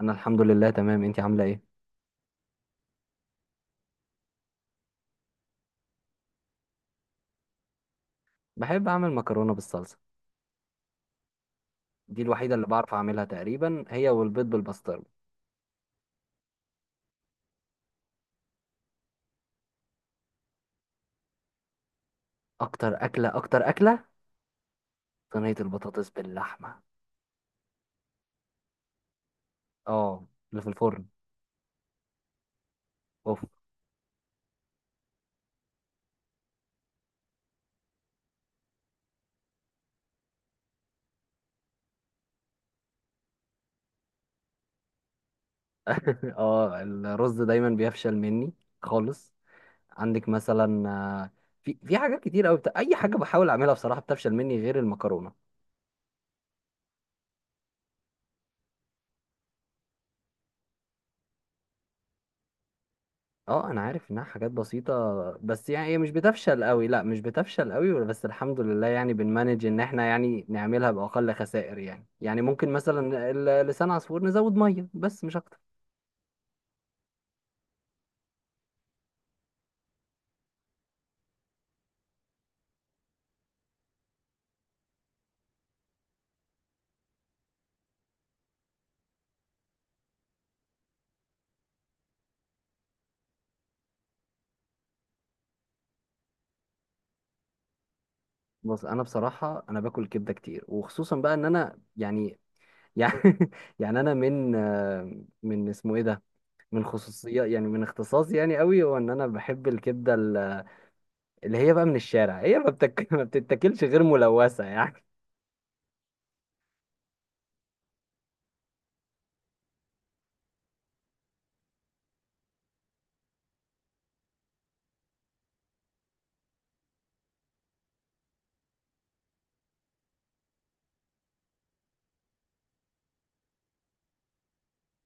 انا الحمد لله تمام، انتي عامله ايه؟ بحب اعمل مكرونه بالصلصه. دي الوحيده اللي بعرف اعملها تقريبا، هي والبيض بالبسطرمه. اكتر اكله، اكتر اكله. صينيه البطاطس باللحمه. اه، اللي في الفرن. اوف. اه، الرز دايما بيفشل مني خالص. عندك مثلا في حاجات كتير قوي، اي حاجه بحاول اعملها بصراحه بتفشل مني غير المكرونه. اه، انا عارف انها حاجات بسيطة. بس يعني هي مش بتفشل قوي، لا مش بتفشل قوي، بس الحمد لله يعني بنمانج ان احنا يعني نعملها بأقل خسائر، يعني ممكن مثلا لسان عصفور نزود مية بس مش اكتر. بص، انا بصراحة انا باكل كبدة كتير، وخصوصا بقى ان انا يعني. يعني انا من اسمه ايه ده، من خصوصيات، يعني من اختصاصي يعني قوي، هو ان انا بحب الكبدة اللي هي بقى من الشارع، هي ما بتك... ما بتتاكلش غير ملوثة يعني.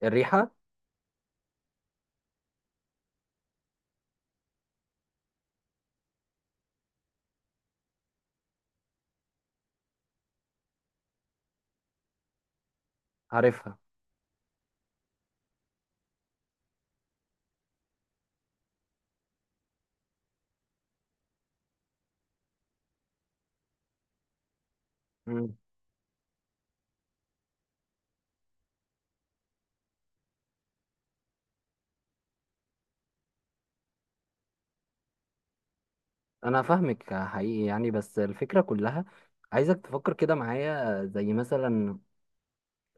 الريحة. عارفها. انا فاهمك حقيقي يعني، بس الفكره كلها عايزك تفكر كده معايا. زي مثلا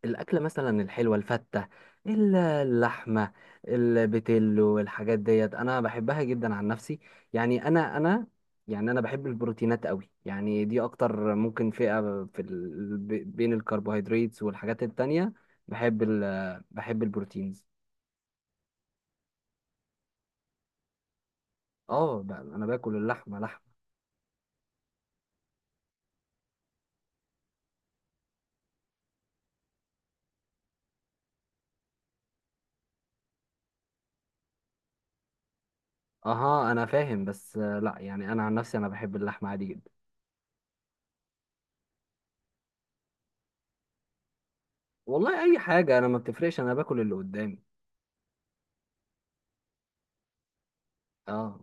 الاكل، مثلا الحلوه، الفته، اللحمه، البتلو، والحاجات ديت انا بحبها جدا عن نفسي. يعني انا. يعني انا بحب البروتينات قوي، يعني دي اكتر ممكن فئه في ال... ب- بين الكربوهيدرات والحاجات التانية. بحب البروتينز. اه، انا باكل اللحمه لحمه. اها، انا فاهم بس، لا يعني انا عن نفسي انا بحب اللحمه عادي جدا. والله، اي حاجه، انا ما بتفرقش، انا باكل اللي قدامي. اه،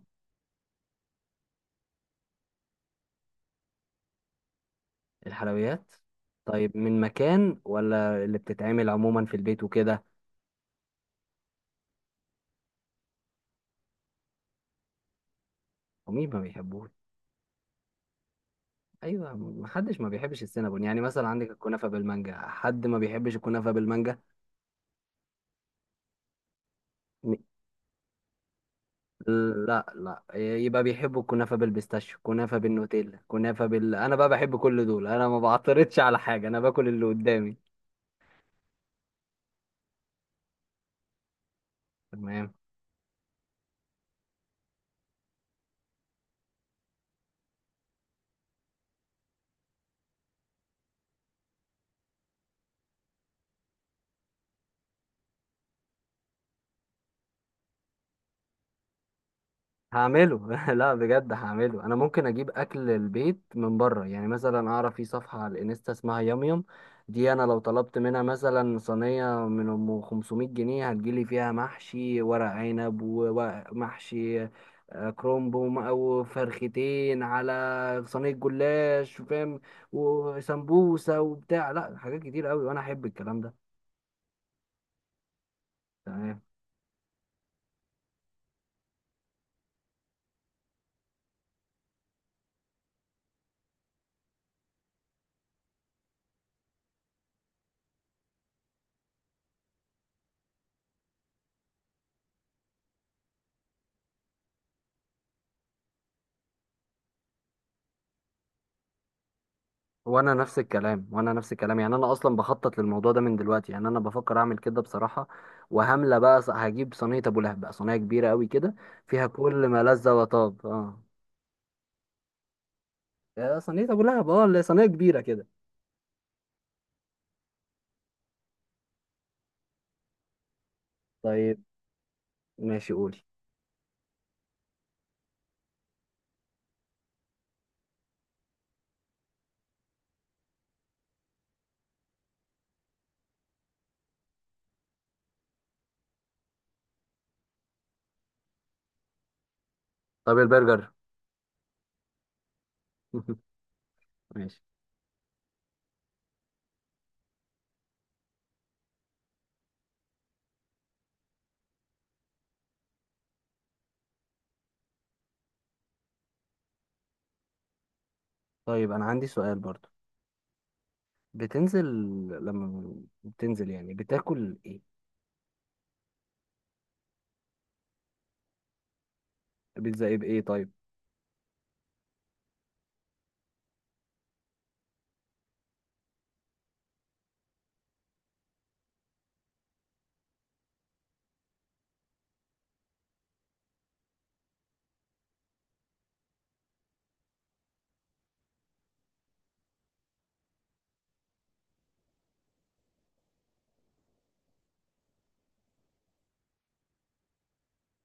الحلويات. طيب، من مكان ولا اللي بتتعمل عموما في البيت وكده؟ ومين ما بيحبوش؟ ايوه، ما حدش ما بيحبش السينابون، يعني مثلا عندك الكنافه بالمانجا، حد ما بيحبش الكنافه بالمانجا؟ م- لا، لا، يبقى بيحبوا الكنافه بالبيستاشيو، كنافه بالنوتيلا، كنافه بال، انا بقى بحب كل دول، انا ما بعترضش على حاجه، انا باكل اللي قدامي. تمام. هعمله. لا بجد، هعمله. انا ممكن اجيب اكل البيت من بره، يعني مثلا اعرف في صفحه على الانستا اسمها يام يام. دي انا لو طلبت منها مثلا صينيه من 500 جنيه، هتجيلي فيها محشي ورق عنب ومحشي كرومب او فرختين على صينيه جلاش، فاهم؟ وسمبوسه وبتاع، لا حاجات كتير قوي، وانا احب الكلام ده. وانا نفس الكلام، وانا نفس الكلام، يعني انا اصلا بخطط للموضوع ده من دلوقتي، يعني انا بفكر اعمل كده بصراحه. وهملة بقى هجيب صينيه ابو لهب، بقى صينيه كبيره قوي كده، فيها كل ما لذ وطاب، اه. يا صينيه ابو لهب، اه، اللي هي صينيه كبيره كده. طيب، ماشي، قولي. طب البرجر؟ ماشي. طيب، انا عندي سؤال برضو. بتنزل لما بتنزل يعني بتاكل ايه؟ بيتزا ايه بايه؟ طيب.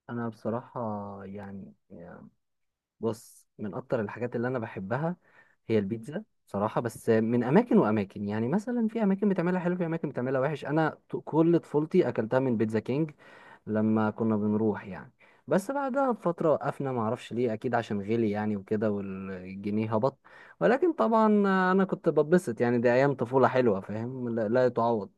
انا بصراحه، يعني، بص، من اكتر الحاجات اللي انا بحبها هي البيتزا بصراحة، بس من اماكن واماكن، يعني مثلا في اماكن بتعملها حلو، في اماكن بتعملها وحش. انا كل طفولتي اكلتها من بيتزا كينج، لما كنا بنروح يعني. بس بعدها بفترة وقفنا، معرفش ليه، اكيد عشان غلي يعني وكده، والجنيه هبط. ولكن طبعا، انا كنت ببسط، يعني دي ايام طفولة حلوة، فاهم؟ لا، لا يتعوض.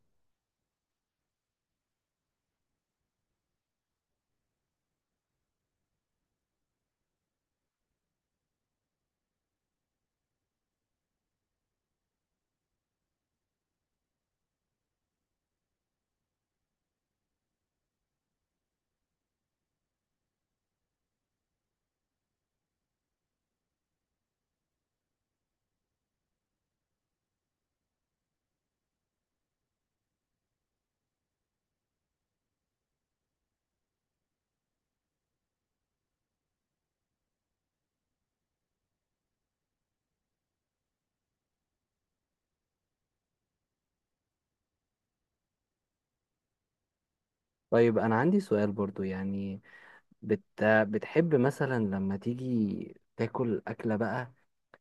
طيب، انا عندي سؤال برضو يعني، بتحب مثلا لما تيجي تاكل أكلة بقى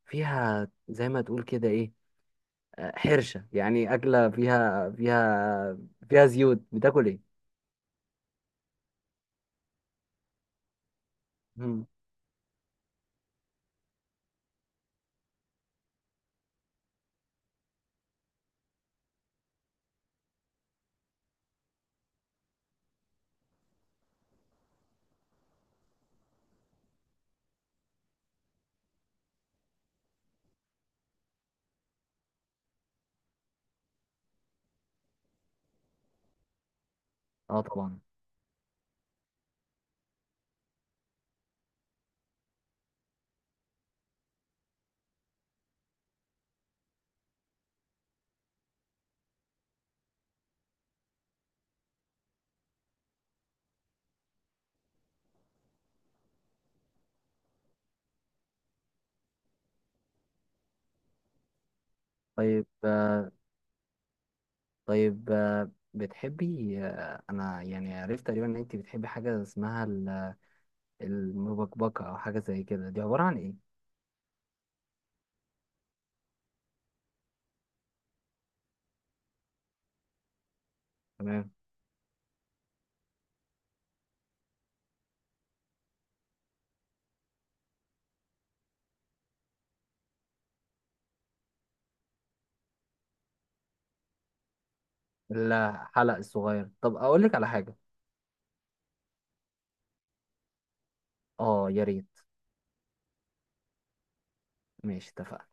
فيها زي ما تقول كده ايه، حرشة، يعني أكلة فيها زيوت، بتاكل ايه؟ مم. اه، طبعا. طيب، بتحبي انا يعني عرفت تقريبا ان انت بتحبي حاجة اسمها المبكبكة، او حاجة زي كده، دي عبارة عن ايه؟ تمام. الحلق الصغير. طب اقول لك على حاجة. اه، يا ريت. ماشي، اتفقنا.